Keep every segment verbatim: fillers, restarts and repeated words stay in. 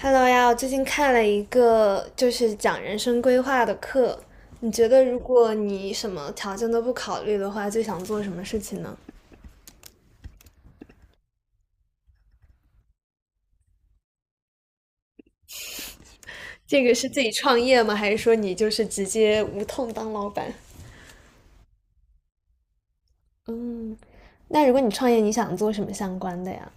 Hello 呀，我最近看了一个就是讲人生规划的课，你觉得如果你什么条件都不考虑的话，最想做什么事情呢？这个是自己创业吗？还是说你就是直接无痛当老板？嗯，那如果你创业，你想做什么相关的呀？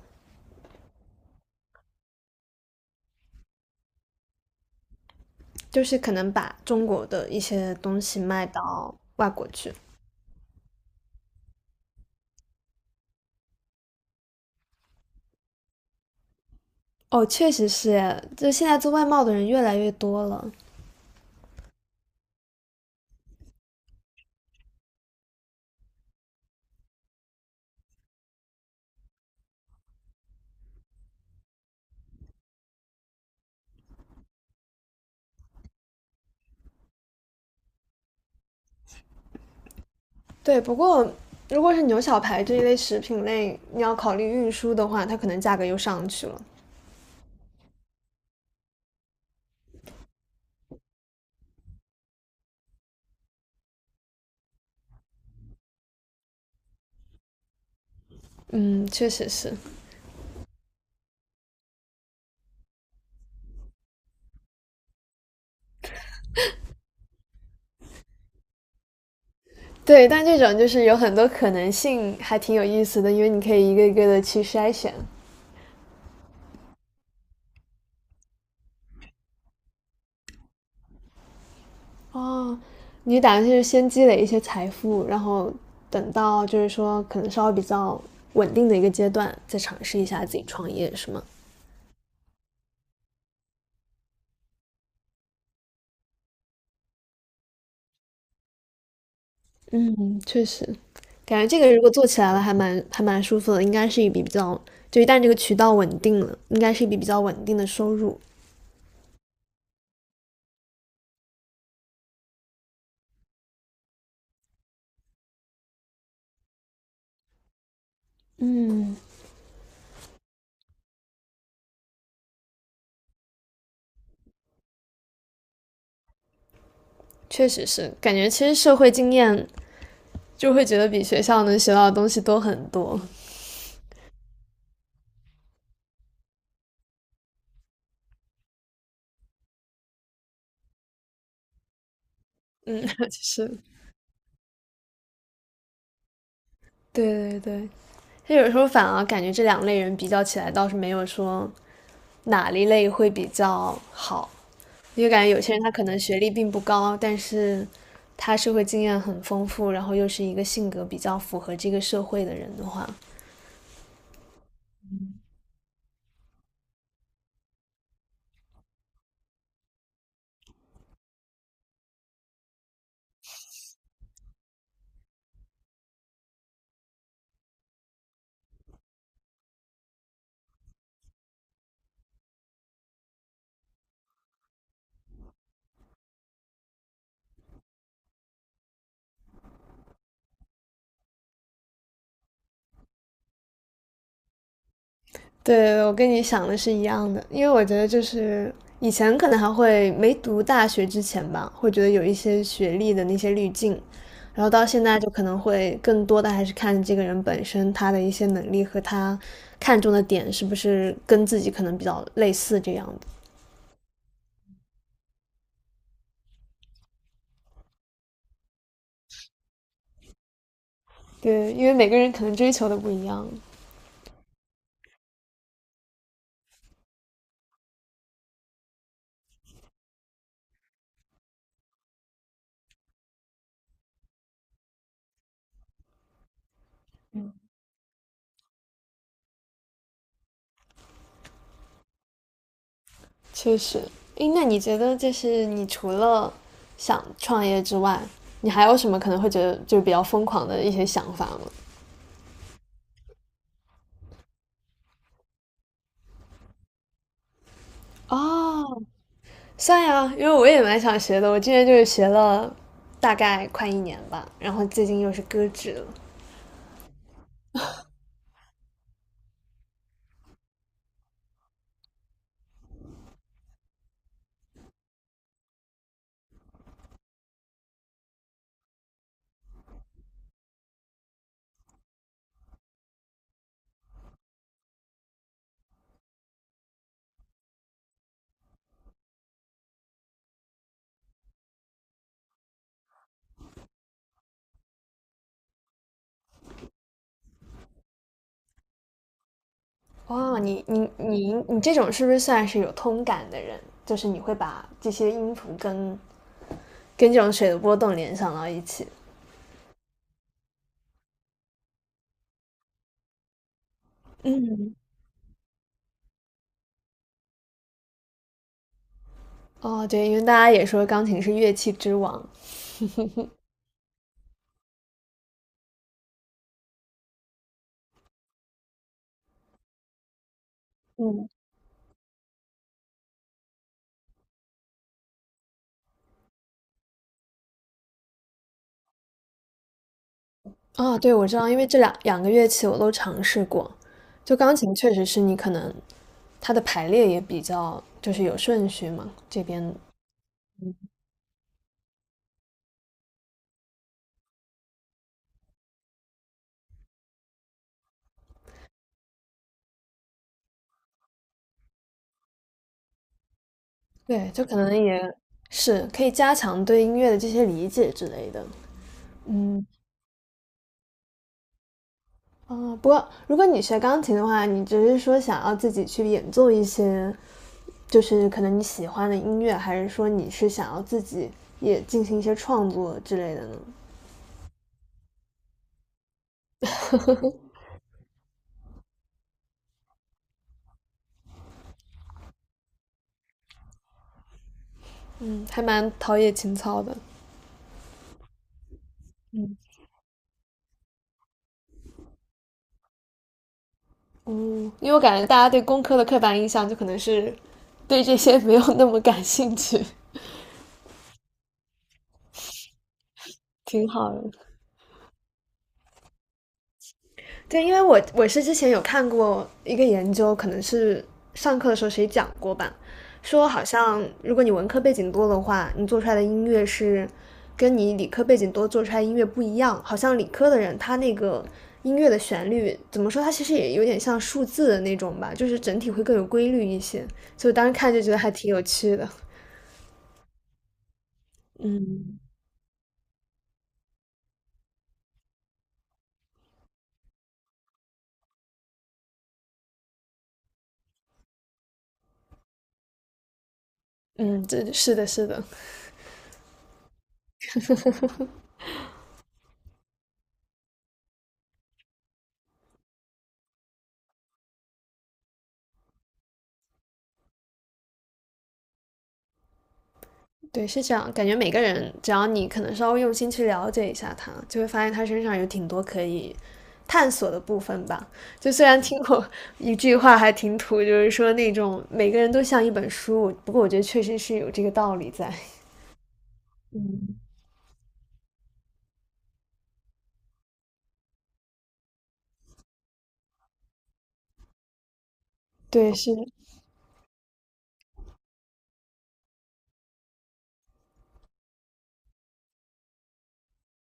就是可能把中国的一些东西卖到外国去。哦，确实是，就现在做外贸的人越来越多了。对，不过如果是牛小排这一类食品类，你要考虑运输的话，它可能价格又上去了。嗯，确实是。对，但这种就是有很多可能性，还挺有意思的，因为你可以一个一个的去筛选。哦，你打算是先积累一些财富，然后等到就是说可能稍微比较稳定的一个阶段，再尝试一下自己创业，是吗？嗯，确实，感觉这个如果做起来了，还蛮还蛮舒服的，应该是一笔比较，就一旦这个渠道稳定了，应该是一笔比较稳定的收入。嗯，确实是，感觉其实社会经验就会觉得比学校能学到的东西多很多。嗯，是，对对对，就有时候反而感觉这两类人比较起来，倒是没有说哪一类会比较好。就感觉有些人他可能学历并不高，但是他社会经验很丰富，然后又是一个性格比较符合这个社会的人的话，对，我跟你想的是一样的，因为我觉得就是以前可能还会没读大学之前吧，会觉得有一些学历的那些滤镜，然后到现在就可能会更多的还是看这个人本身他的一些能力和他看重的点是不是跟自己可能比较类似这样的。对，因为每个人可能追求的不一样。确实，诶，那你觉得就是你除了想创业之外，你还有什么可能会觉得就是比较疯狂的一些想法吗？哦，算呀，因为我也蛮想学的，我之前就是学了大概快一年吧，然后最近又是搁置了。哇，你你你你这种是不是算是有通感的人？就是你会把这些音符跟跟这种水的波动联想到一起。嗯哦，对，因为大家也说钢琴是乐器之王。嗯。啊，对，我知道，因为这两两个乐器我都尝试过，就钢琴确实是你可能它的排列也比较就是有顺序嘛，这边对，就可能也是可以加强对音乐的这些理解之类的。嗯，哦，不过如果你学钢琴的话，你只是说想要自己去演奏一些，就是可能你喜欢的音乐，还是说你是想要自己也进行一些创作之类的呢？嗯，还蛮陶冶情操的。嗯，因为我感觉大家对工科的刻板印象就可能是对这些没有那么感兴趣，挺好的。对，因为我我是之前有看过一个研究，可能是呃上课的时候谁讲过吧，说好像如果你文科背景多的话，你做出来的音乐是跟你理科背景多做出来的音乐不一样，好像理科的人他那个音乐的旋律怎么说，他其实也有点像数字的那种吧，就是整体会更有规律一些，所以我当时看就觉得还挺有趣的。嗯。嗯，这是的，是的，对，是这样。感觉每个人，只要你可能稍微用心去了解一下他，就会发现他身上有挺多可以探索的部分吧。就虽然听过一句话还挺土，就是说那种每个人都像一本书，不过我觉得确实是有这个道理在。嗯，对，是的，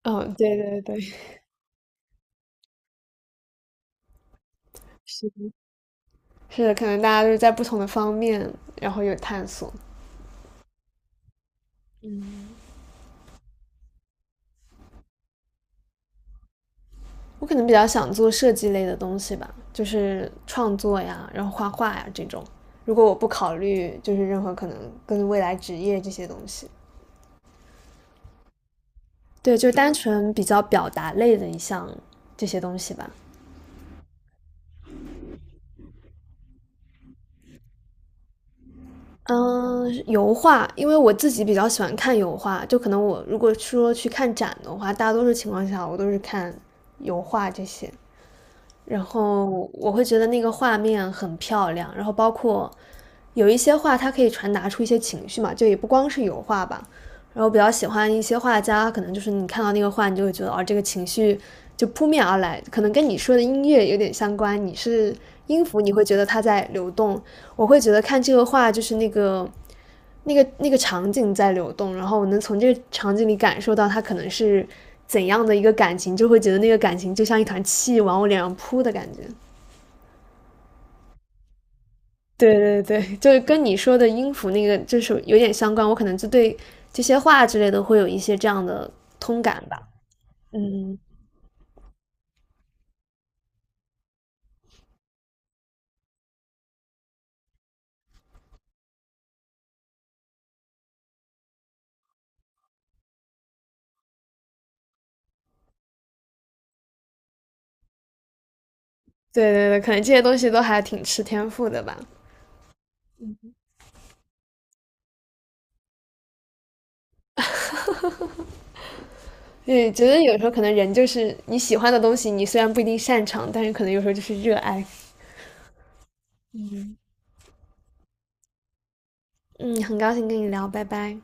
嗯，对对对，是的是的，可能大家就是在不同的方面，然后有探索。我可能比较想做设计类的东西吧，就是创作呀，然后画画呀这种。如果我不考虑就是任何可能跟未来职业这些东西，对，就单纯比较表达类的一项这些东西吧。嗯，油画，因为我自己比较喜欢看油画，就可能我如果说去看展的话，大多数情况下我都是看油画这些。然后我会觉得那个画面很漂亮，然后包括有一些画，它可以传达出一些情绪嘛，就也不光是油画吧。然后比较喜欢一些画家，可能就是你看到那个画，你就会觉得哦，这个情绪就扑面而来，可能跟你说的音乐有点相关。你是音符，你会觉得它在流动；我会觉得看这个画，就是那个那个那个场景在流动，然后我能从这个场景里感受到他可能是怎样的一个感情，就会觉得那个感情就像一团气往我脸上扑的感觉。对对对，就是跟你说的音符那个就是有点相关，我可能就对这些话之类的会有一些这样的通感吧。嗯，对对对，可能这些东西都还挺吃天赋的吧。对，觉得有时候可能人就是你喜欢的东西，你虽然不一定擅长，但是可能有时候就是热爱。嗯，很高兴跟你聊，拜拜。